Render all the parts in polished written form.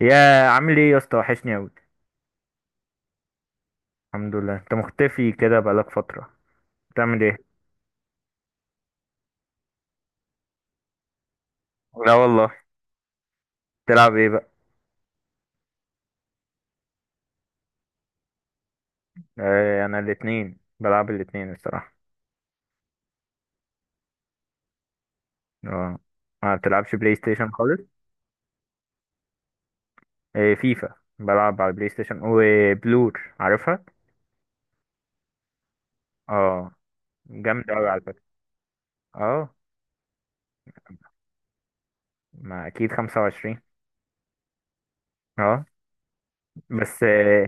يا عامل ايه يا اسطى؟ وحشني اوي. الحمد لله، انت مختفي كده بقالك فترة. بتعمل ايه؟ لا والله. تلعب ايه بقى؟ آه، انا الاتنين، بلعب الاتنين الصراحة. اه، ما بتلعبش بلاي ستيشن خالص. آه، فيفا بلعب على البلاي ستيشن، وبلور عارفها. اه، جامدة اوي على فكرة. اه، ما اكيد 25. اه. بس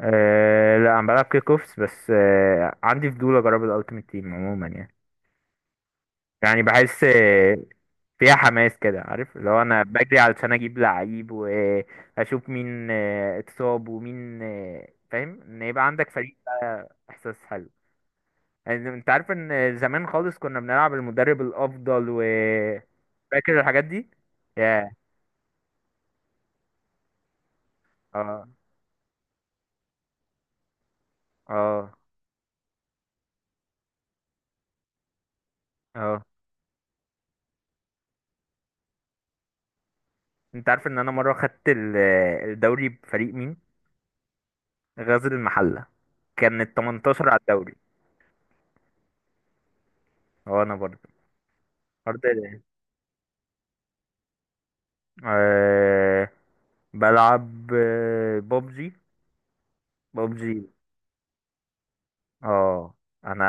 لا، انا بلعب كيك اوفس بس، عندي فضول اجرب الالتيميت تيم عموما يعني. يعني بحس فيها حماس كده، عارف؟ لو انا بجري علشان اجيب لعيب واشوف مين اتصاب، ومين فاهم ان يبقى عندك فريق بقى، احساس حلو. يعني انت عارف ان زمان خالص كنا بنلعب المدرب الافضل، و فاكر الحاجات دي يا اه اه اه انت عارف ان انا مره خدت الدوري بفريق مين؟ غزل المحله. كان ال 18 على الدوري. اه انا برضه، برضه بلعب بابجي، بابجي. اه انا،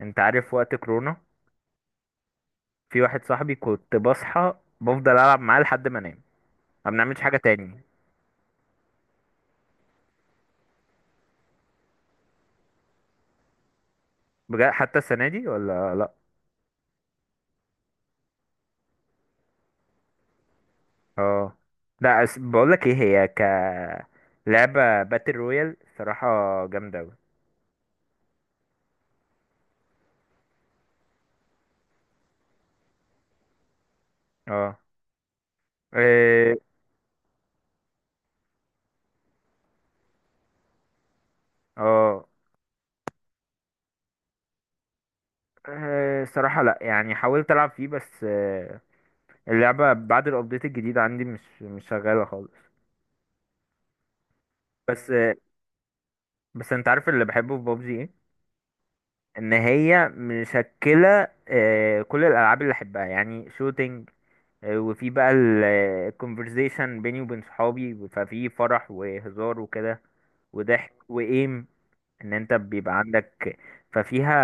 انت عارف وقت كورونا، في واحد صاحبي كنت بصحى بفضل العب معاه لحد ما انام، ما بنعملش حاجه تاني. بجد؟ حتى السنه دي ولا لا؟ اه. لا أس... بقول لك ايه، هي ك لعبه باتل رويال صراحه جامده قوي. اه إيه، اه صراحه لا، يعني حاولت العب فيه بس آه، اللعبه بعد الابديت الجديد عندي مش شغاله خالص. بس بس انت عارف اللي بحبه في بابجي ايه؟ ان هي مشكله، كل الالعاب اللي احبها يعني شوتينج، وفي بقى الكونفرزيشن بيني وبين صحابي، ففي فرح وهزار وكده وضحك وايم. ان انت بيبقى عندك، ففيها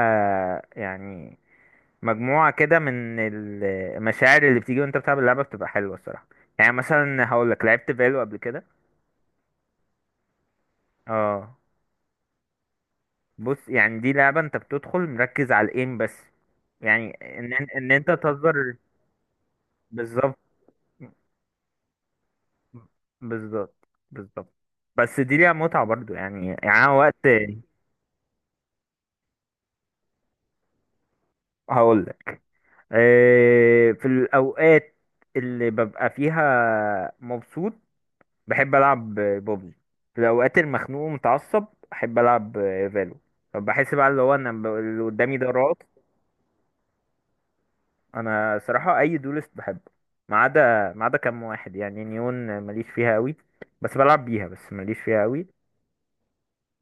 يعني مجموعة كده من المشاعر اللي بتيجي وانت بتلعب اللعبة، بتبقى حلوة الصراحة. يعني مثلا هقول لك لعبت فالو قبل كده. اه. بص، يعني دي لعبة انت بتدخل مركز على الايم بس، يعني ان انت تهزر. بالظبط، بالظبط، بالظبط. بس دي ليها متعة برضو يعني أنا وقت هقول لك، في الاوقات اللي ببقى فيها مبسوط بحب العب بوبجي. في الاوقات المخنوق ومتعصب احب العب فالو. فبحس بقى، اللي هو انا اللي قدامي ده راس. انا صراحه اي دولست بحبه، ما عدا كام واحد. يعني نيون ماليش فيها قوي، بس بلعب بيها، بس ماليش فيها قوي.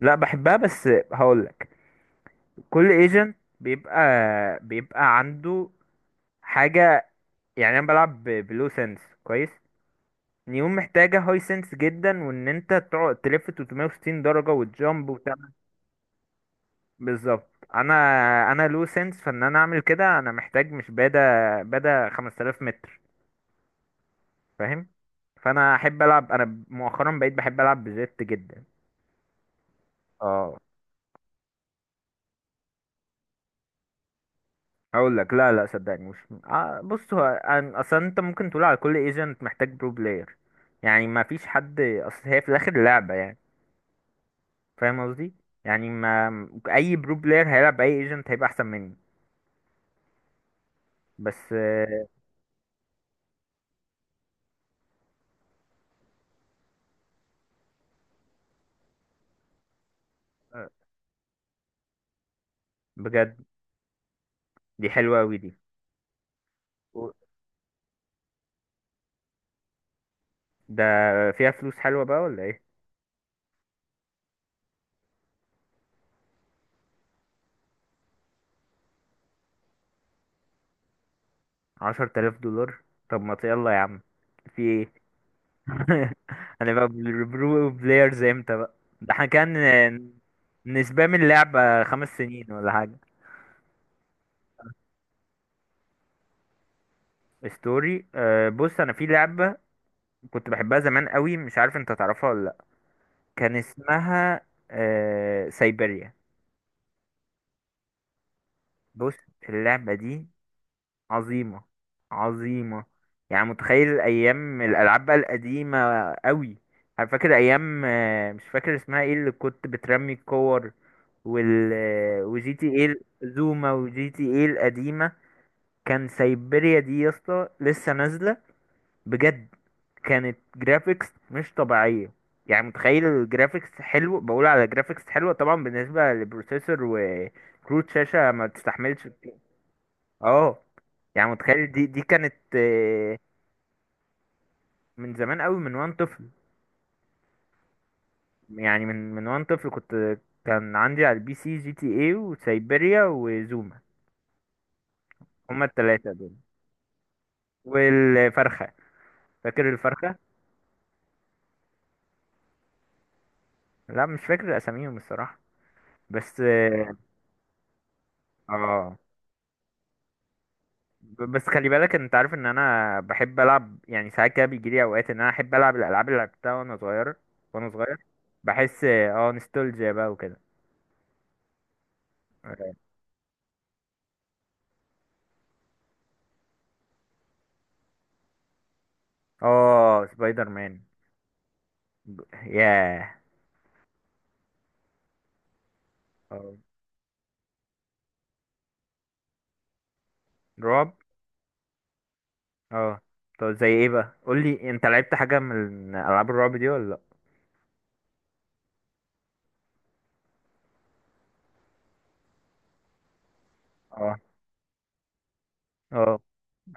لا بحبها، بس هقول لك، كل ايجنت بيبقى عنده حاجه. يعني انا بلعب بلو سنس كويس. نيون محتاجه هاي سنس جدا، وان انت تقعد تلف 360 درجه وتجامب وتعمل. بالظبط. انا لو سنس، فان انا اعمل كده انا محتاج، مش بادا 5000 متر، فاهم؟ فانا احب العب، انا مؤخرا بقيت بحب العب بجيت جدا. اه. اقول لك، لا لا، صدقني مش. بص، هو اصلا انت ممكن تقول على كل ايجنت محتاج برو بلاير، يعني ما فيش حد، اصل هي في الاخر لعبة يعني. فاهم قصدي؟ يعني ما اي برو بلاير هيلعب اي ايجنت هيبقى احسن مني. بس آه، بجد؟ دي حلوة أوي دي. و- ده فيها فلوس حلوة بقى ولا ايه؟ 10000 دولار! طب ما يلا يا عم، في ايه؟ هنبقى برو بلايرز امتى بقى؟ ده احنا كان نسبة من اللعبة 5 سنين ولا حاجة. ستوري، بص، انا في لعبة كنت بحبها زمان قوي، مش عارف انت تعرفها ولا لا. كان اسمها سايبيريا. بص، اللعبة دي عظيمة، عظيمة. يعني متخيل أيام الألعاب بقى القديمة أوي. أنا فاكر أيام، مش فاكر اسمها ايه، اللي كنت بترمي الكور وال وجي تي ايه زوما، وجي تي ايه القديمة. كان سايبيريا دي يا اسطى لسه نازلة، بجد. كانت جرافيكس مش طبيعية. يعني متخيل الجرافيكس حلو، بقول على جرافيكس حلوة طبعا بالنسبة للبروسيسور، وكروت شاشة ما تستحملش. اه. يعني متخيل دي كانت من زمان قوي، من وانا طفل. يعني من وانا طفل كنت، كان عندي على البي سي جي تي اي وسيبيريا وزوما، هما التلاتة دول. والفرخة، فاكر الفرخة؟ لا، مش فاكر اساميهم الصراحة، بس اه. آه. بس خلي بالك، انت عارف ان انا بحب العب. يعني ساعات كده بيجيلي اوقات ان انا احب العب الالعاب اللي لعبتها وانا صغير، وانا صغير. بحس اه، نوستالجيا بقى وكده. اه. آه، سبايدر مان. ياه. اه. رعب. اه. طب زي ايه بقى؟ قول لي، انت لعبت حاجه من العاب الرعب دي ولا لا؟ اه، اه.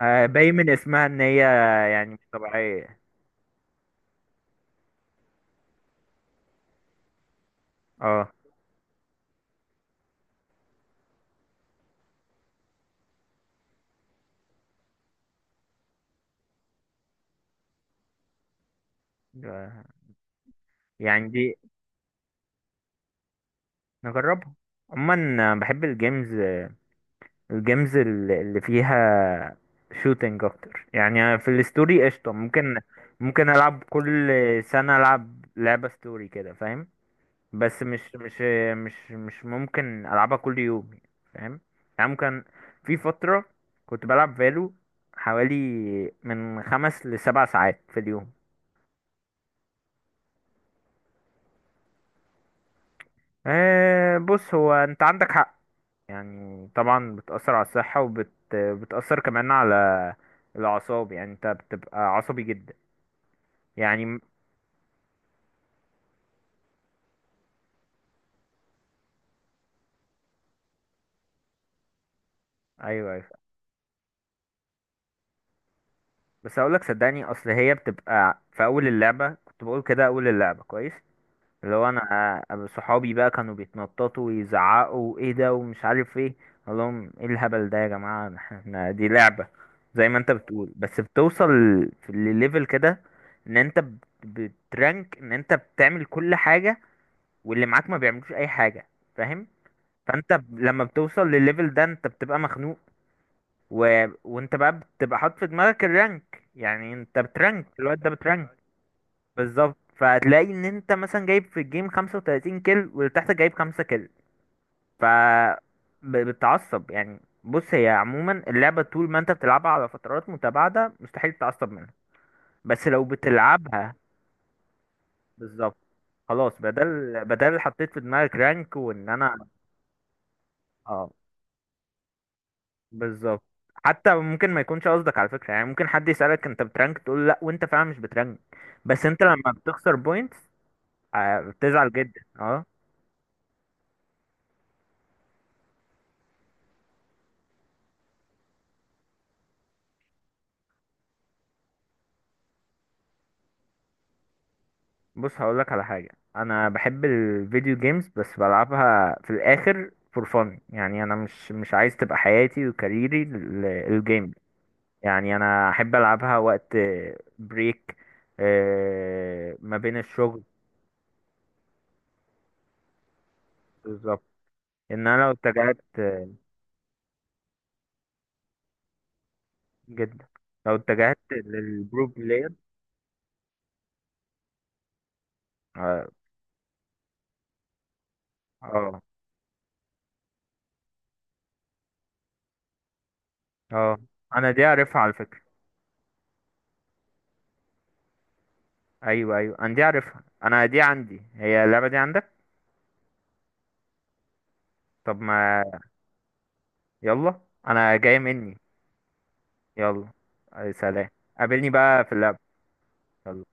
آه، باين من اسمها ان هي يعني مش طبيعيه. اه. يعني دي نجربها. عموما بحب الجيمز، الجيمز اللي فيها شوتينج اكتر. يعني في الستوري قشطه، ممكن العب كل سنه العب لعبه ستوري كده، فاهم؟ بس مش ممكن العبها كل يوم، يعني، فاهم. يعني ممكن، في فترة كنت بلعب فالو حوالي من 5 لـ 7 ساعات في اليوم. بص، هو انت عندك حق. يعني طبعا بتأثر على الصحة، بتأثر كمان على الأعصاب. يعني انت بتبقى عصبي جدا. يعني م- ايوه، ايوه. بس اقولك، صدقني، اصل هي بتبقى في اول اللعبة، كنت بقول كده اول اللعبة كويس لو انا أبقى. صحابي بقى كانوا بيتنططوا ويزعقوا ايه ده ومش عارف ايه، اقول لهم ايه الهبل ده يا جماعه؟ احنا دي لعبه، زي ما انت بتقول. بس بتوصل في الليفل كده ان انت بترانك، ان انت بتعمل كل حاجه واللي معاك ما بيعملوش اي حاجه، فاهم؟ فانت لما بتوصل للليفل ده انت بتبقى مخنوق، وانت بقى بتبقى حاطط في دماغك الرانك. يعني انت بترانك، الواد ده بترانك. بالظبط. فهتلاقي ان انت مثلا جايب في الجيم 35 كيل، واللي تحتك جايب 5 كيل، ف بتتعصب. يعني بص، هي عموما اللعبة طول ما انت بتلعبها على فترات متباعدة مستحيل تتعصب منها، بس لو بتلعبها، بالظبط، خلاص، بدل حطيت في دماغك رانك، وان انا. اه، بالظبط. حتى ممكن ما يكونش قصدك على فكرة، يعني ممكن حد يسألك انت بترانك، تقول لا، وانت فعلا مش بترانك. بس انت لما بتخسر بوينتس بتزعل جدا. اه. بص هقولك على حاجة، أنا بحب الفيديو جيمز، بس بلعبها في الآخر فور فن. يعني أنا مش عايز تبقى حياتي وكاريري الجيم. يعني أنا أحب ألعبها وقت بريك ما بين الشغل. بالظبط. إن أنا لو اتجهت، جدا، لو اتجهت للبرو بلاير. اه، اه. آه. أنا دي عارفها على فكرة. أيوه، أيوه، أنا دي عارفها، أنا دي عندي. هي اللعبة دي عندك؟ طب ما، يلا، أنا جاي مني. يلا. أي سلام. قابلني بقى في اللعب. يلا.